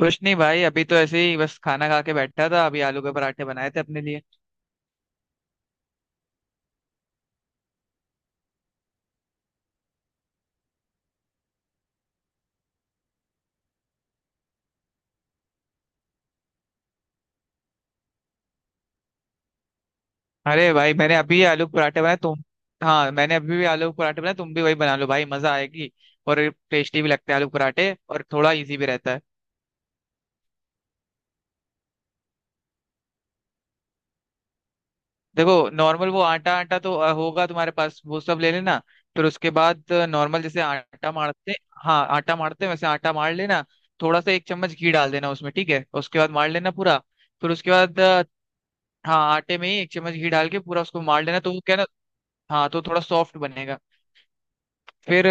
कुछ नहीं भाई। अभी तो ऐसे ही बस खाना खा के बैठा था। अभी आलू के पराठे बनाए थे अपने लिए। अरे भाई, मैंने अभी आलू के पराठे बनाए तुम। हाँ, मैंने अभी भी आलू के पराठे बनाए, तुम भी वही बना लो भाई, मजा आएगी। और टेस्टी भी लगते हैं आलू के पराठे, और थोड़ा इजी भी रहता है। देखो, नॉर्मल वो आटा आटा तो होगा तुम्हारे पास, वो सब ले लेना। फिर उसके बाद नॉर्मल जैसे आटा मारते। हाँ, आटा मारते हैं, वैसे आटा मार लेना। थोड़ा सा एक चम्मच घी डाल देना उसमें, ठीक है। उसके बाद मार लेना पूरा। फिर उसके बाद हाँ, आटे में ही एक चम्मच घी डाल के पूरा उसको मार लेना, तो वो क्या है ना, हाँ, तो थोड़ा सॉफ्ट बनेगा। फिर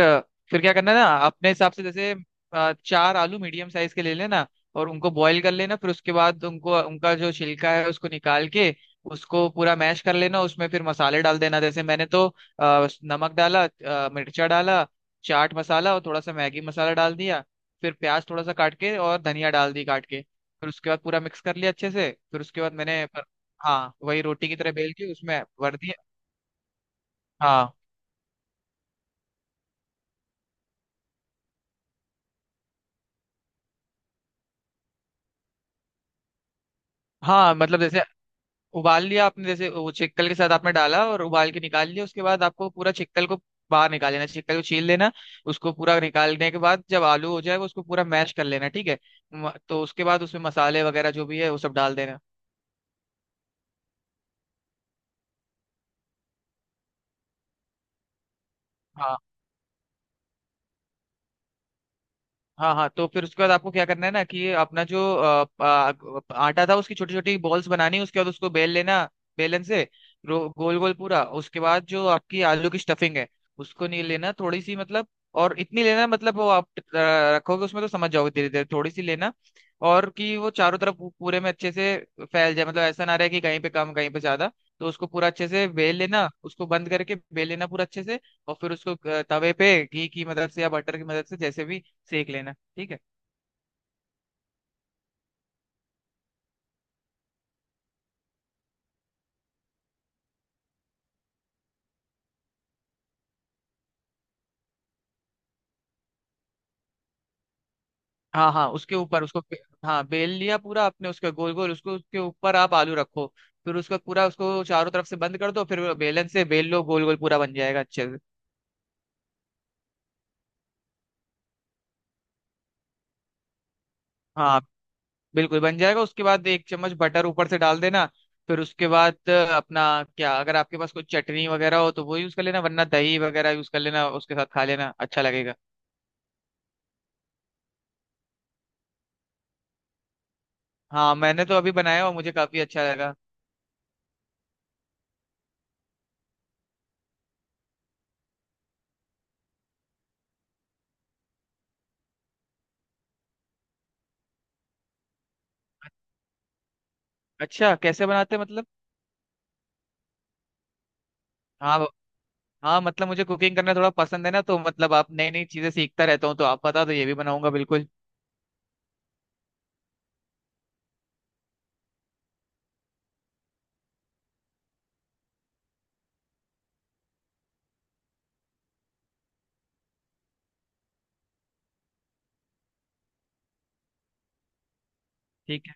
फिर क्या करना है ना, अपने हिसाब से। जैसे चार आलू मीडियम साइज के ले लेना, और उनको बॉईल कर लेना। फिर उसके बाद उनको उनका जो छिलका है उसको निकाल के उसको पूरा मैश कर लेना। उसमें फिर मसाले डाल देना, जैसे मैंने तो नमक डाला, मिर्चा डाला, चाट मसाला और थोड़ा सा मैगी मसाला डाल दिया। फिर प्याज थोड़ा सा काट के और धनिया डाल दी काट के, फिर उसके बाद पूरा मिक्स कर लिया अच्छे से। फिर उसके बाद मैंने, हाँ, वही रोटी की तरह बेल के उसमें भर दिया। हाँ हाँ, मतलब जैसे उबाल लिया आपने, जैसे वो चिक्कल के साथ आपने डाला और उबाल के निकाल लिया, उसके बाद आपको पूरा चिक्कल को बाहर निकाल लेना, चिक्कल को छील लेना। उसको पूरा निकालने के बाद जब आलू हो जाए वो, उसको पूरा मैश कर लेना, ठीक है। तो उसके बाद उसमें मसाले वगैरह जो भी है वो सब डाल देना। हाँ हाँ। हाँ, तो फिर उसके बाद आपको क्या करना है ना, कि ये अपना जो आटा था, उसकी छोटी छोटी बॉल्स बनानी। उसके बाद उसको बेल लेना बेलन से, गोल गोल पूरा। उसके बाद जो आपकी आलू की स्टफिंग है, उसको नहीं लेना थोड़ी सी मतलब, और इतनी लेना मतलब वो आप रखोगे उसमें तो समझ जाओगे धीरे धीरे, थोड़ी सी लेना। और कि वो चारों तरफ पूरे में अच्छे से फैल जाए, मतलब ऐसा ना रहे कि कहीं पे कम कहीं पे ज्यादा। तो उसको पूरा अच्छे से बेल लेना, उसको बंद करके बेल लेना पूरा अच्छे से। और फिर उसको तवे पे घी की मदद से या बटर की मदद से जैसे भी सेक लेना, ठीक है। हाँ हाँ, उसके ऊपर उसको हाँ, बेल लिया पूरा आपने उसके गोल गोल, उसको उसके ऊपर आप आलू रखो। फिर उसका पूरा उसको चारों तरफ से बंद कर दो, फिर बेलन से बेल लो गोल गोल, पूरा बन जाएगा अच्छे से। हाँ, बिल्कुल बन जाएगा। उसके बाद एक चम्मच बटर ऊपर से डाल देना। फिर उसके बाद अपना क्या, अगर आपके पास कोई चटनी वगैरह हो तो वो यूज कर लेना, वरना दही वगैरह यूज कर लेना उसके साथ, खा लेना अच्छा लगेगा। हाँ, मैंने तो अभी बनाया और मुझे काफी अच्छा लगा। अच्छा, कैसे बनाते हैं मतलब। हाँ हाँ, मतलब मुझे कुकिंग करना थोड़ा पसंद है ना, तो मतलब आप नई नई चीजें सीखता रहता हूँ, तो आप बता दो, ये भी बनाऊंगा बिल्कुल। ठीक है।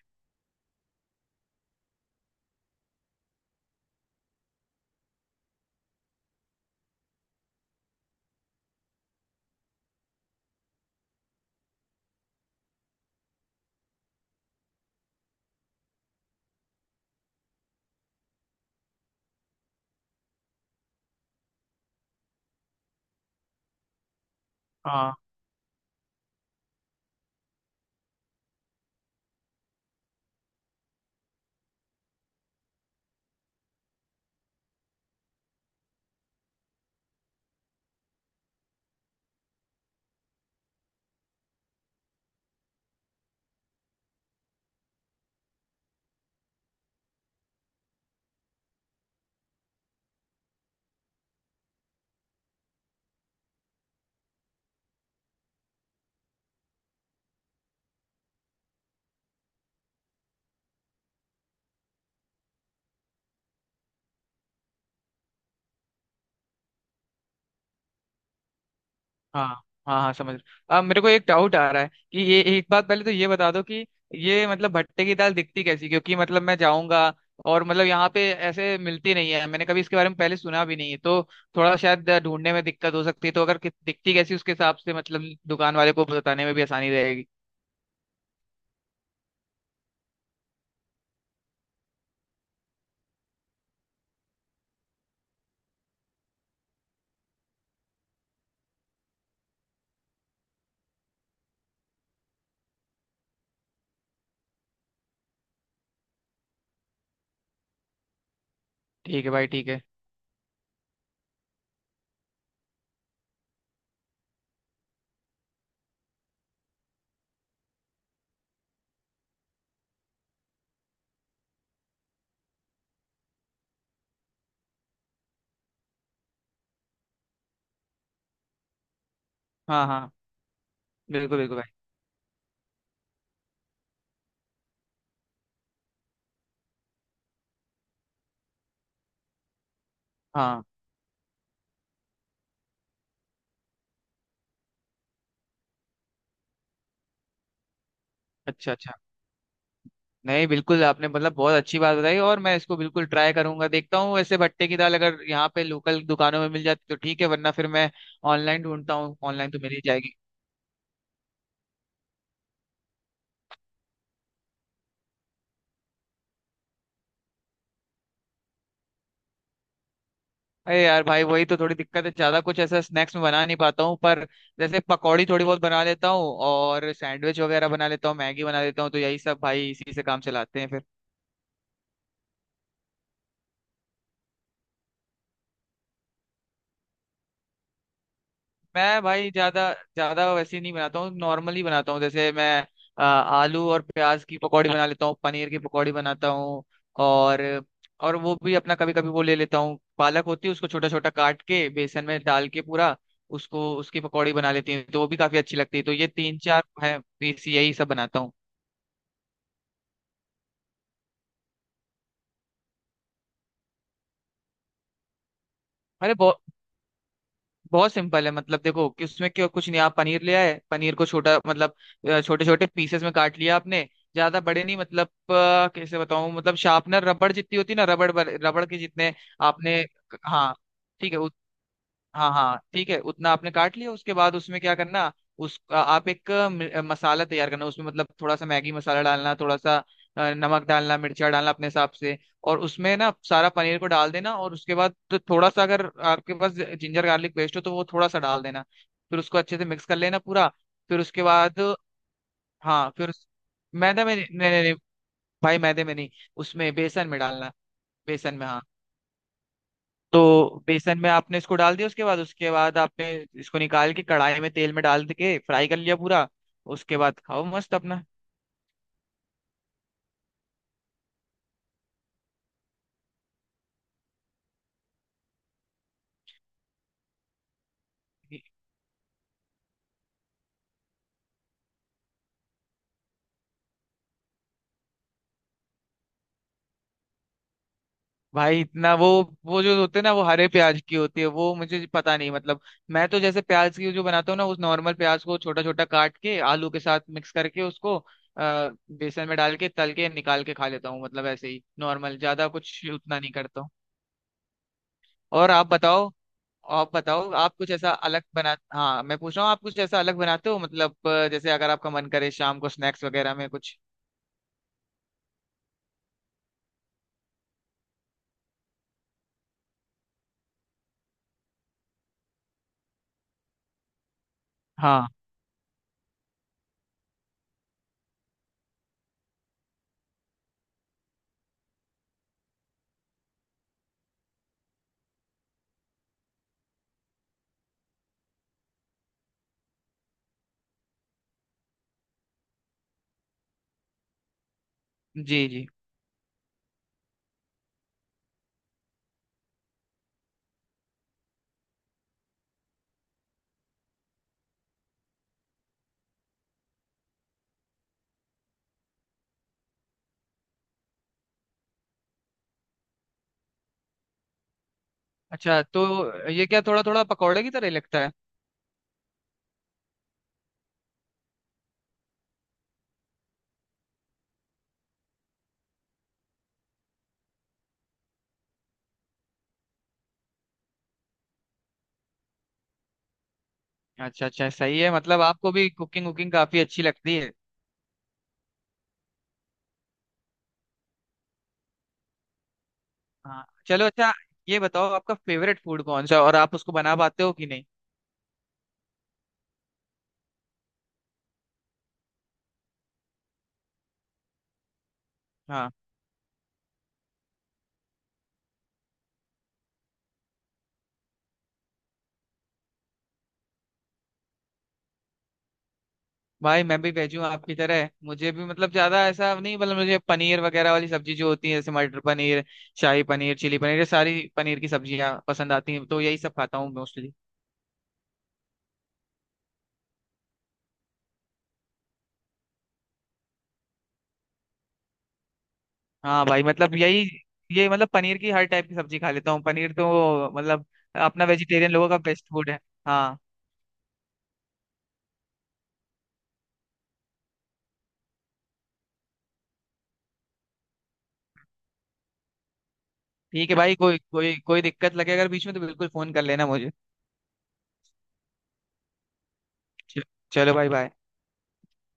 हाँ। हाँ हाँ, हाँ समझ रहा हूँ। अब मेरे को एक डाउट आ रहा है कि ये, एक बात पहले तो ये बता दो कि ये मतलब भट्टे की दाल दिखती कैसी, क्योंकि मतलब मैं जाऊंगा और मतलब यहाँ पे ऐसे मिलती नहीं है, मैंने कभी इसके बारे में पहले सुना भी नहीं है, तो थोड़ा शायद ढूंढने में दिक्कत हो सकती है। तो अगर दिखती कैसी उसके हिसाब से, मतलब दुकान वाले को बताने में भी आसानी रहेगी। ठीक है भाई, ठीक है। हाँ हाँ। बिल्कुल बिल्कुल भाई। हाँ। अच्छा अच्छा। नहीं, बिल्कुल, आपने मतलब बहुत अच्छी बात बताई और मैं इसको बिल्कुल ट्राई करूंगा। देखता हूँ वैसे, भट्टे की दाल अगर यहाँ पे लोकल दुकानों में मिल जाती तो ठीक है, वरना फिर मैं ऑनलाइन ढूंढता हूँ, ऑनलाइन तो मिल ही जाएगी। अरे यार भाई, वही तो थोड़ी दिक्कत है, ज्यादा कुछ ऐसा स्नैक्स में बना नहीं पाता हूँ, पर जैसे पकौड़ी थोड़ी बहुत बना लेता हूँ और सैंडविच वगैरह बना लेता हूँ, मैगी बना लेता हूँ, तो यही सब भाई, इसी से काम चलाते हैं फिर। मैं भाई ज्यादा ज्यादा वैसे नहीं बनाता हूँ, नॉर्मली बनाता हूँ, जैसे मैं आलू और प्याज की पकौड़ी बना लेता हूँ, पनीर की पकौड़ी बनाता हूँ। और और वो भी अपना कभी कभी वो ले लेता हूँ, पालक होती है, उसको छोटा छोटा काट के बेसन में डाल के पूरा उसको, उसकी पकौड़ी बना लेती हूँ, तो वो भी काफी अच्छी लगती है, तो ये तीन चार है बेसी, यही सब बनाता हूँ। अरे बहुत सिंपल है, मतलब देखो कि उसमें क्यों कुछ नहीं, आप पनीर ले आए, पनीर को छोटा मतलब छोटे छोटे पीसेस में काट लिया आपने, ज्यादा बड़े नहीं, मतलब कैसे बताऊं, मतलब शार्पनर रबड़ जितनी होती है ना, रबड़ रबड़ के जितने आपने, हाँ, ठीक है, हाँ हाँ ठीक है, उतना आपने काट लिया। उसके बाद उसमें क्या करना, उस आप एक मसाला तैयार करना, उसमें मतलब थोड़ा सा मैगी मसाला डालना, थोड़ा सा नमक डालना, मिर्चा डालना अपने हिसाब से। और उसमें ना सारा पनीर को डाल देना, और उसके बाद तो थोड़ा सा अगर आपके पास जिंजर गार्लिक पेस्ट हो तो वो थोड़ा सा डाल देना। फिर उसको अच्छे से मिक्स कर लेना पूरा। फिर उसके बाद हाँ, फिर मैदे में, नहीं नहीं नहीं नहीं, भाई मैदे में नहीं, उसमें बेसन में डालना, बेसन में, हाँ। तो बेसन में आपने इसको डाल दिया, उसके बाद आपने इसको निकाल के कढ़ाई में तेल में डाल के फ्राई कर लिया पूरा। उसके बाद खाओ मस्त अपना। भाई इतना वो जो होते हैं ना, वो हरे प्याज की होती है, वो मुझे पता नहीं मतलब। मैं तो जैसे प्याज की जो बनाता हूँ ना, उस नॉर्मल प्याज को छोटा छोटा काट के आलू के साथ मिक्स करके उसको बेसन में डाल के तल के निकाल के खा लेता हूँ, मतलब ऐसे ही नॉर्मल, ज्यादा कुछ उतना नहीं करता हूँ। और आप बताओ आप कुछ ऐसा अलग बना, हाँ मैं पूछ रहा हूँ, आप कुछ ऐसा अलग बनाते हो मतलब जैसे अगर आपका मन करे शाम को स्नैक्स वगैरह में कुछ। हाँ। जी जी। अच्छा, तो ये क्या थोड़ा थोड़ा पकौड़े की तरह लगता है। अच्छा अच्छा, सही है। मतलब आपको भी कुकिंग वुकिंग काफी अच्छी लगती है। हाँ चलो अच्छा। ये बताओ आपका फेवरेट फूड कौन सा है और आप उसको बना पाते हो कि नहीं। हाँ भाई, मैं भी भेजूँ आपकी तरह, मुझे भी मतलब ज्यादा ऐसा नहीं, मतलब मुझे पनीर वगैरह वाली सब्जी जो होती है, जैसे मटर पनीर, शाही पनीर, चिली पनीर, ये सारी पनीर की सब्जियां पसंद आती हैं, तो यही सब खाता हूँ मोस्टली। हाँ भाई मतलब यही, ये मतलब पनीर की हर टाइप की सब्जी खा लेता हूँ, पनीर तो मतलब अपना वेजिटेरियन लोगों का बेस्ट फूड है। हाँ ठीक है भाई, कोई कोई कोई दिक्कत लगे अगर बीच में तो बिल्कुल फोन कर लेना मुझे। चलो भाई, बाय।